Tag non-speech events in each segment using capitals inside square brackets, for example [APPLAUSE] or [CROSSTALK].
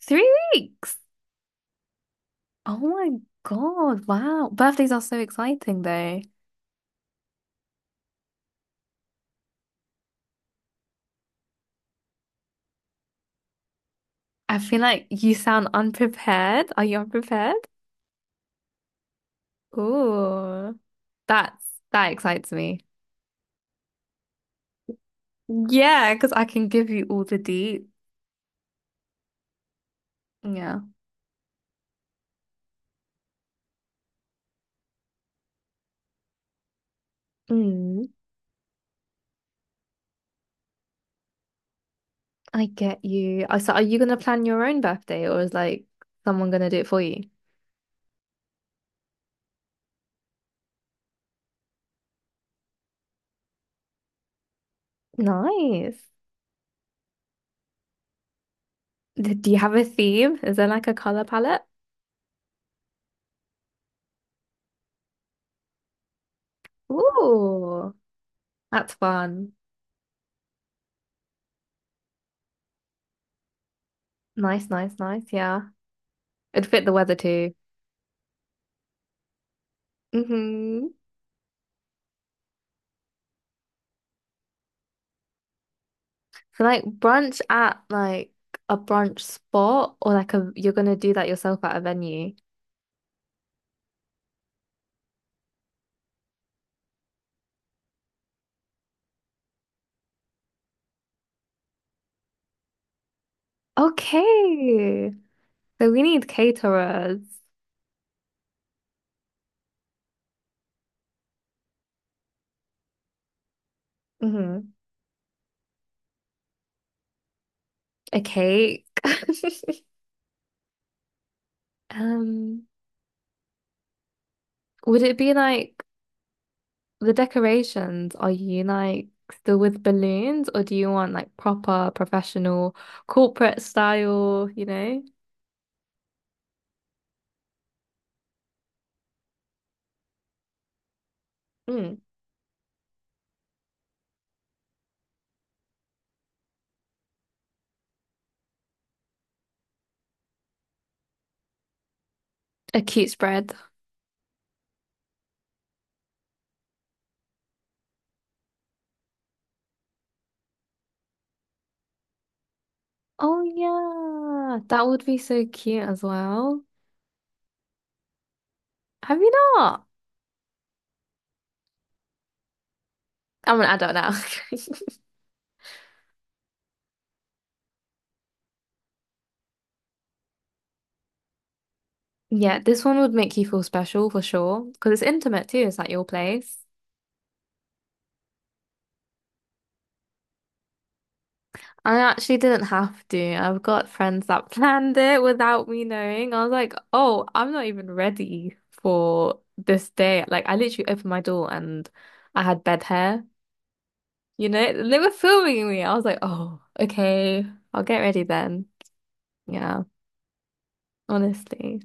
3 weeks. Oh my God. Wow. Birthdays are so exciting though. I feel like you sound unprepared. Are you unprepared? Ooh. That's that excites me. Yeah, because I can give you all the deets. Yeah. Mm, I get you. I so are you gonna plan your own birthday or is like someone gonna do it for you? Nice. Do you have a theme? Is there like a color palette? Ooh, that's fun. Nice, nice, nice. Yeah. It'd fit the weather too. hmm So like brunch at a brunch spot or like a you're gonna do that yourself at a venue. Okay. So we need caterers. hmm A cake. [LAUGHS] Um, would it be like the decorations? Are you like still with balloons or do you want like proper professional corporate style, you know? Mm. A cute spread. Oh yeah, that would be so cute as well. Have you not? I'm an adult now. [LAUGHS] Yeah, this one would make you feel special for sure because it's intimate too. It's at your place. I actually didn't have to. I've got friends that [LAUGHS] planned it without me knowing. I was like, oh, I'm not even ready for this day. Like, I literally opened my door and I had bed hair. You know, they were filming me. I was like, oh, okay, I'll get ready then. Yeah, honestly.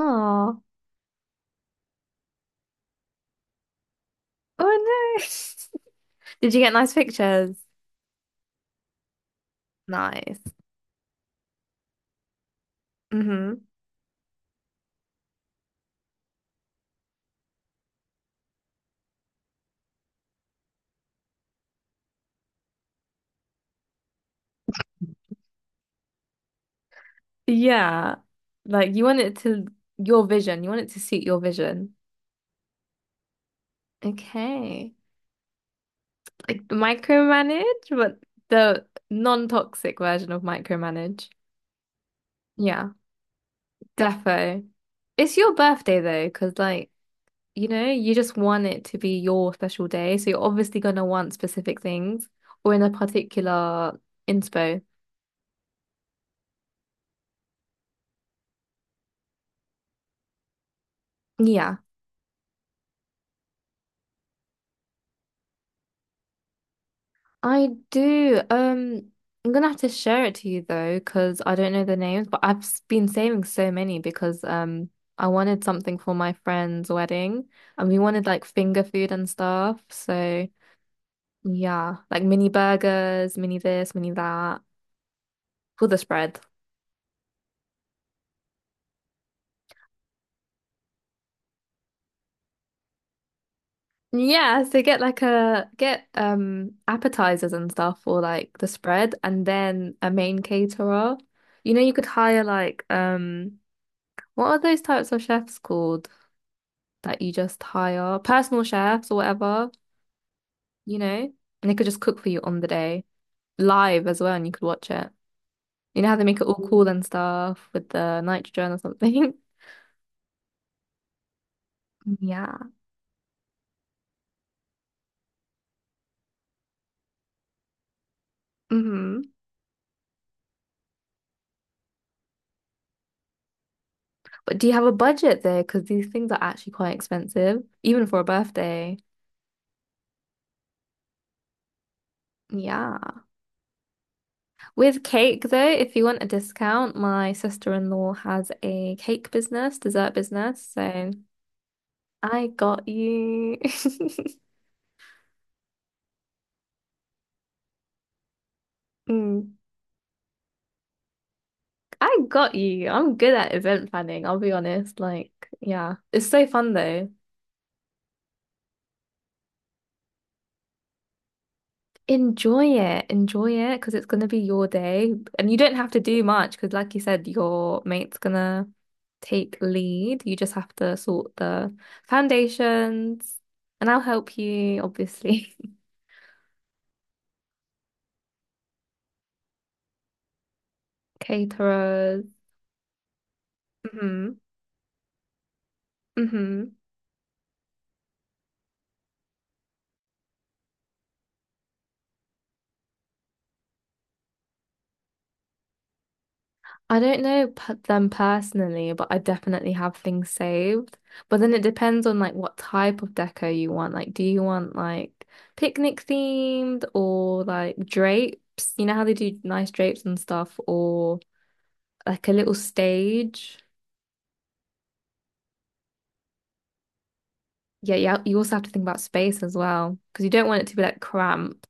Aw. Oh no. [LAUGHS] Did you get nice pictures? Nice. hmm Yeah. Like you want it to your vision. You want it to suit your vision. Okay. Like micromanage, but the non-toxic version of micromanage. Yeah, defo. It's your birthday though, because like, you know, you just want it to be your special day. So you're obviously gonna want specific things or in a particular inspo. Yeah. I do. I'm gonna have to share it to you though, because I don't know the names, but I've been saving so many because I wanted something for my friend's wedding and we wanted like finger food and stuff. So yeah, like mini burgers, mini this, mini that for the spread. Yeah, so get like a get appetizers and stuff for like the spread and then a main caterer. You know, you could hire like what are those types of chefs called that you just hire personal chefs or whatever, you know, and they could just cook for you on the day live as well, and you could watch it. You know how they make it all cool and stuff with the nitrogen or something? [LAUGHS] Yeah. hmm But do you have a budget there? Because these things are actually quite expensive, even for a birthday. Yeah. With cake, though, if you want a discount, my sister-in-law has a cake business, dessert business. So I got you. [LAUGHS] Mm. I got you. I'm good at event planning, I'll be honest. Like, yeah, it's so fun though. Enjoy it. Enjoy it because it's going to be your day and you don't have to do much because, like you said, your mate's gonna take lead. You just have to sort the foundations and I'll help you, obviously. [LAUGHS] Caterers. Mm-hmm. Mm-hmm. I don't know p them personally, but I definitely have things saved. But then it depends on like what type of deco you want. Like, do you want like picnic themed or like drapes? You know how they do nice drapes and stuff, or like a little stage. Yeah, yeah. You also have to think about space as well because you don't want it to be like cramped.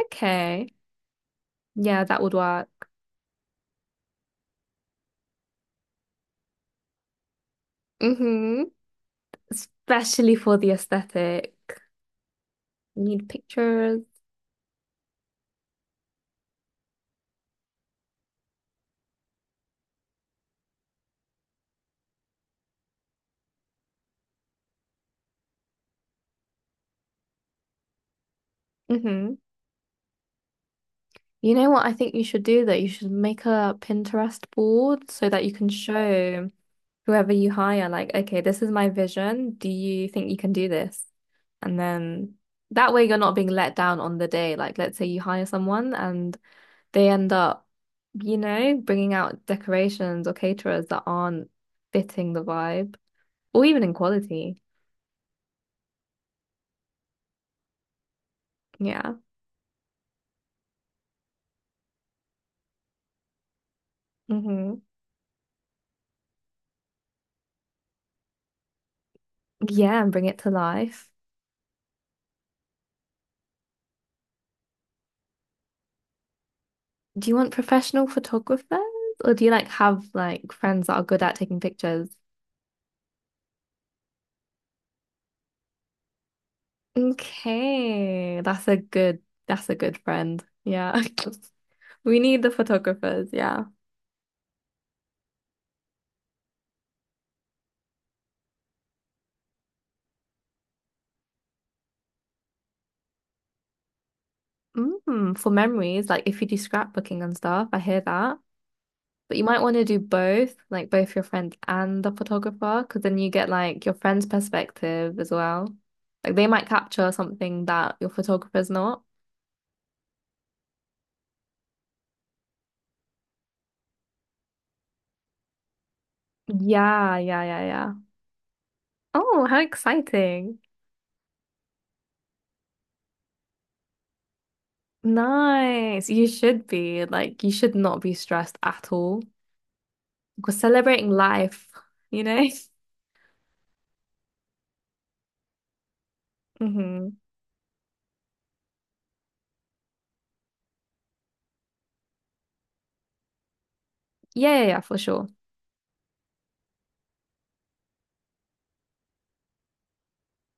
Okay, yeah, that would work. Mm-hmm. Especially for the aesthetic. Need pictures. Mm-hmm. You know what I think you should do though? You should make a Pinterest board so that you can show whoever you hire, like, okay, this is my vision. Do you think you can do this? And then that way you're not being let down on the day. Like, let's say you hire someone and they end up, you know, bringing out decorations or caterers that aren't fitting the vibe or even in quality. Yeah. hmm Yeah, and bring it to life. Do you want professional photographers or do you like have like friends that are good at taking pictures? Okay, that's a good friend. Yeah. [LAUGHS] We need the photographers, yeah. Mm, for memories, like if you do scrapbooking and stuff, I hear that. But you might want to do both, like both your friend and the photographer, because then you get like your friend's perspective as well. Like they might capture something that your photographer's not. Yeah, yeah, yeah, yeah. Oh, how exciting. Nice. You should be. Like, you should not be stressed at all. Because celebrating life, you know? [LAUGHS] hmm Yeah, yeah, yeah, for sure.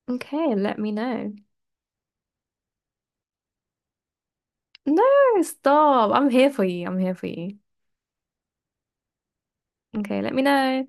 Okay, let me know. No, stop. I'm here for you. I'm here for you. Okay, let me know.